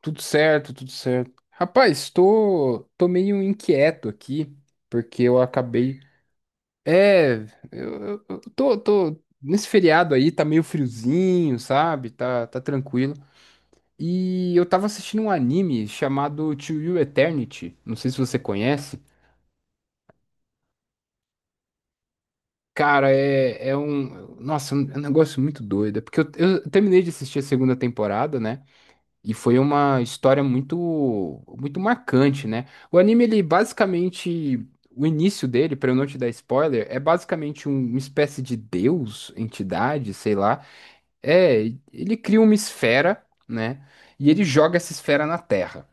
Tudo certo, tudo certo. Rapaz, tô meio inquieto aqui, porque eu acabei. É, eu tô. Nesse feriado aí tá meio friozinho, sabe? Tá tranquilo. E eu tava assistindo um anime chamado To You Eternity. Não sei se você conhece. Cara, é um. Nossa, é um negócio muito doido. Porque eu terminei de assistir a segunda temporada, né? E foi uma história muito marcante, né? O anime, ele basicamente, o início dele, para eu não te dar spoiler, é basicamente uma espécie de deus, entidade, sei lá. É, ele cria uma esfera, né? E ele joga essa esfera na Terra.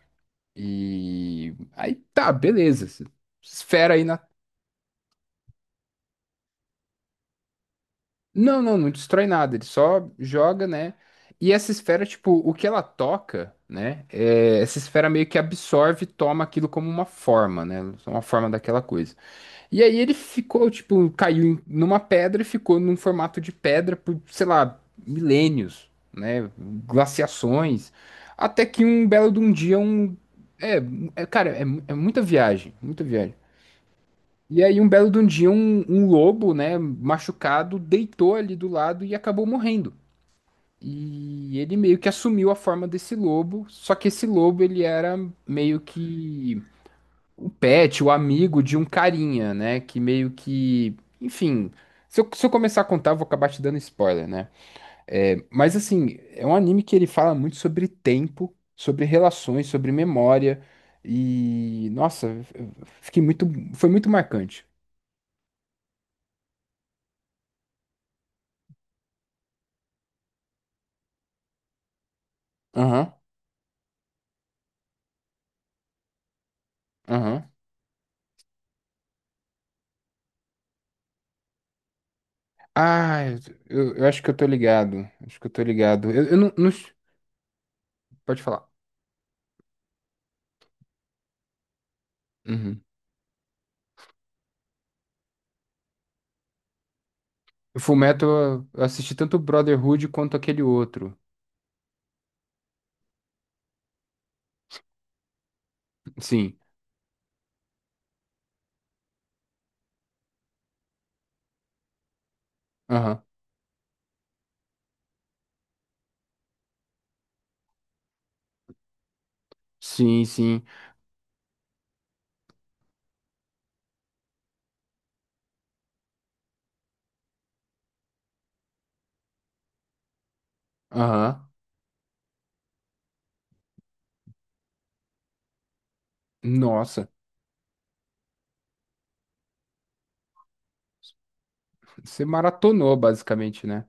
E aí tá, beleza. Esfera aí na... Não, não, não destrói nada, ele só joga, né? E essa esfera, tipo, o que ela toca, né? É, essa esfera meio que absorve e toma aquilo como uma forma, né? Uma forma daquela coisa. E aí ele ficou, tipo, caiu numa pedra e ficou num formato de pedra por, sei lá, milênios, né? Glaciações. Até que um belo de um dia, um... É, é, cara, é, é muita viagem, muita viagem. E aí, um belo de um dia, um lobo, né, machucado, deitou ali do lado e acabou morrendo. E ele meio que assumiu a forma desse lobo, só que esse lobo ele era meio que o pet, o amigo de um carinha, né, que meio que, enfim, se eu começar a contar, eu vou acabar te dando spoiler, né? É, mas assim, é um anime que ele fala muito sobre tempo, sobre relações, sobre memória e, nossa, eu fiquei muito, foi muito marcante. Aham. Aham. Ah, eu acho que eu tô ligado. Acho que eu tô ligado. Eu não. Pode falar. Uhum. O Fullmetal, eu assisti tanto o Brotherhood quanto aquele outro. Sim. Aham. Sim, sim. Aham. Nossa. Você maratonou, basicamente, né?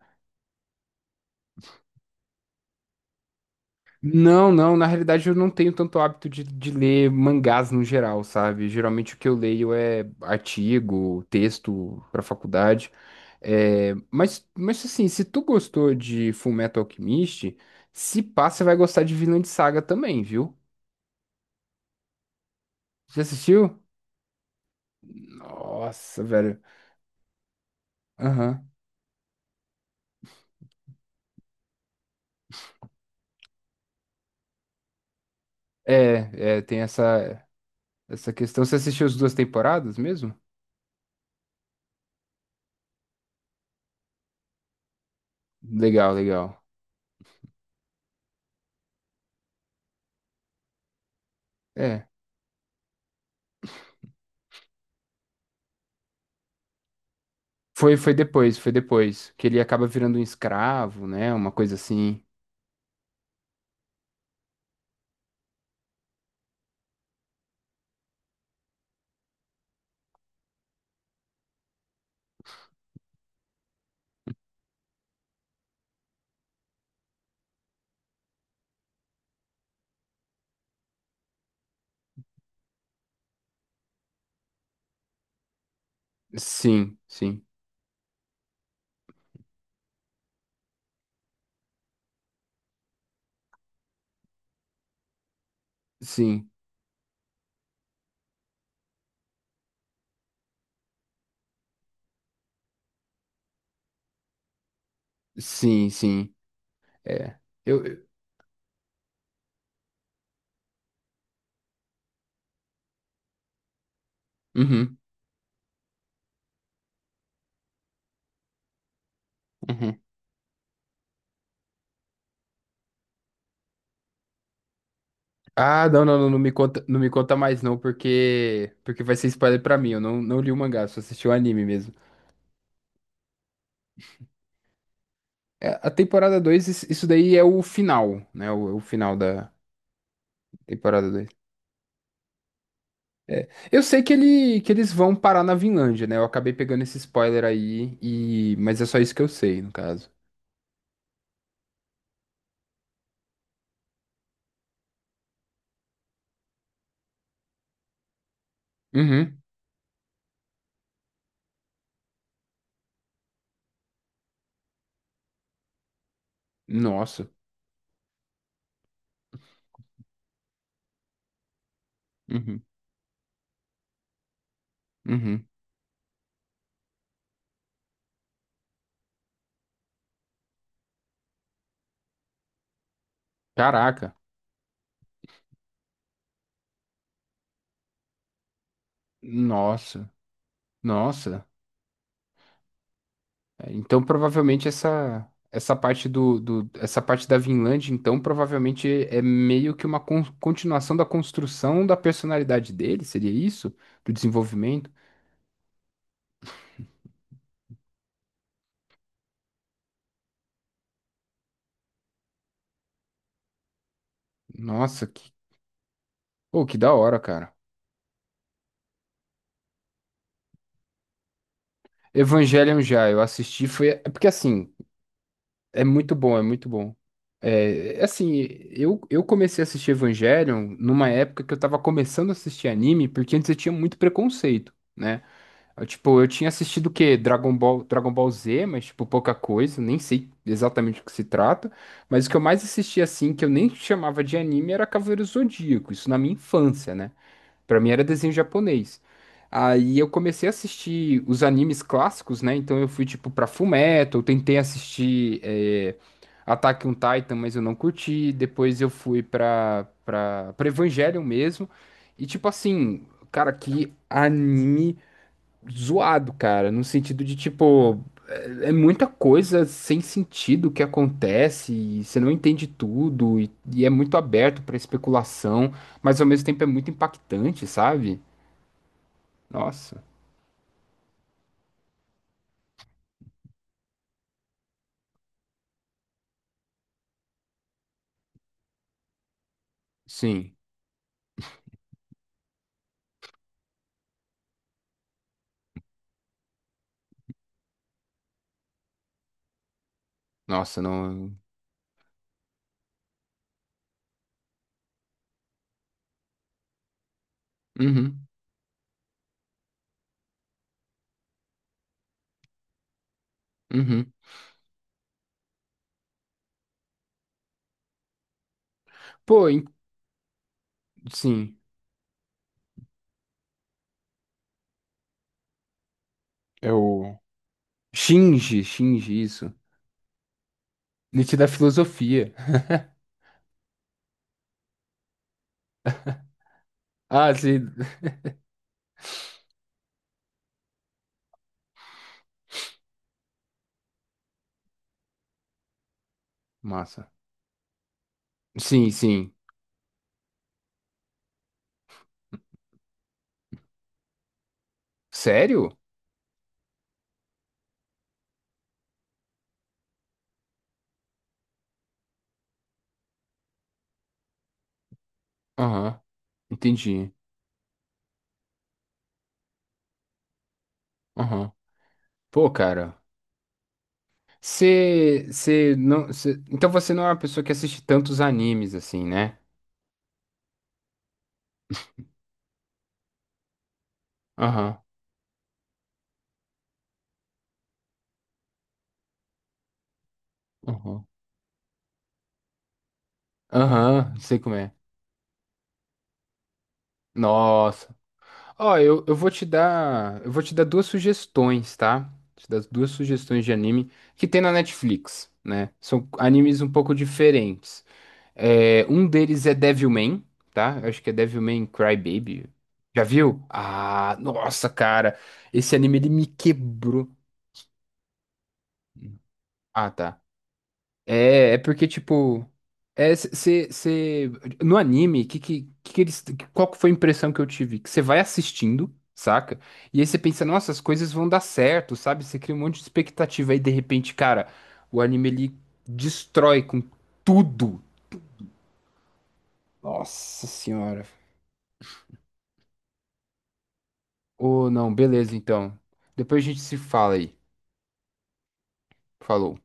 Não, não, na realidade eu não tenho tanto hábito de ler mangás no geral, sabe? Geralmente o que eu leio é artigo, texto pra faculdade. É, mas assim, se tu gostou de Fullmetal Alchemist, se pá, você vai gostar de Vinland Saga também, viu? Você assistiu? Nossa, velho. Aham. É, tem essa questão. Você assistiu as duas temporadas mesmo? Legal, legal. É. Foi, foi depois, foi depois. Que ele acaba virando um escravo, né? Uma coisa assim. Sim, sim, sim, sim, sim. É. Eu. Uhum, uhum. Ah, não, não, não, não me conta, não me conta mais não, porque vai ser spoiler pra mim. Eu não li o mangá, só assisti o anime mesmo. É, a temporada 2, isso daí é o final, né? O final da temporada 2. Eu sei que eles vão parar na Vinlândia, né? Eu acabei pegando esse spoiler aí e mas é só isso que eu sei, no caso. Uhum. Nossa. Uhum, uhum. Caraca. Nossa, nossa. É, então provavelmente essa parte do, do essa parte da Vinland, então provavelmente é meio que uma continuação da construção da personalidade dele, seria isso? Do desenvolvimento? Nossa, que, pô, que da hora, cara. Evangelion já eu assisti foi é porque assim, é muito bom, é muito bom. É assim, eu comecei a assistir Evangelion numa época que eu tava começando a assistir anime, porque antes eu tinha muito preconceito, né? Eu, tipo, eu tinha assistido o quê? Dragon Ball, Dragon Ball Z, mas, tipo, pouca coisa, nem sei exatamente o que se trata. Mas o que eu mais assistia, assim, que eu nem chamava de anime, era Cavaleiro Zodíaco, isso na minha infância, né? Pra mim era desenho japonês. Aí eu comecei a assistir os animes clássicos, né? Então eu fui tipo pra Fullmetal, tentei assistir é, Attack on Titan, mas eu não curti. Depois eu fui pra Evangelion mesmo. E tipo assim, cara, que anime zoado, cara, no sentido de tipo, é muita coisa sem sentido que acontece e você não entende tudo e é muito aberto pra especulação, mas ao mesmo tempo é muito impactante, sabe? Nossa. Sim. Nossa, não. Uhum. Uhum. Pô. Sim. É o Shinji, Shinji, isso. Nietzsche da filosofia. Ah, sim. Massa. Sim, sim. Sério? Aham. Entendi. Aham. Pô, cara. Você não. Então você não é uma pessoa que assiste tantos animes assim, né? Aham, aham, aham, sei como é. Nossa. Ó, eu vou te dar duas sugestões, tá? Te dar duas sugestões de anime que tem na Netflix, né? São animes um pouco diferentes. É, um deles é Devilman, tá? Eu acho que é Devilman Crybaby. Já viu? Ah, nossa, cara, esse anime ele me quebrou. Ah, tá. É, é porque, tipo. É, você. No anime, que eles, qual que foi a impressão que eu tive? Que você vai assistindo, saca? E aí você pensa, nossa, as coisas vão dar certo, sabe? Você cria um monte de expectativa. Aí, de repente, cara, o anime ele destrói com tudo. Nossa senhora. Ô, não, beleza, então. Depois a gente se fala aí. Falou.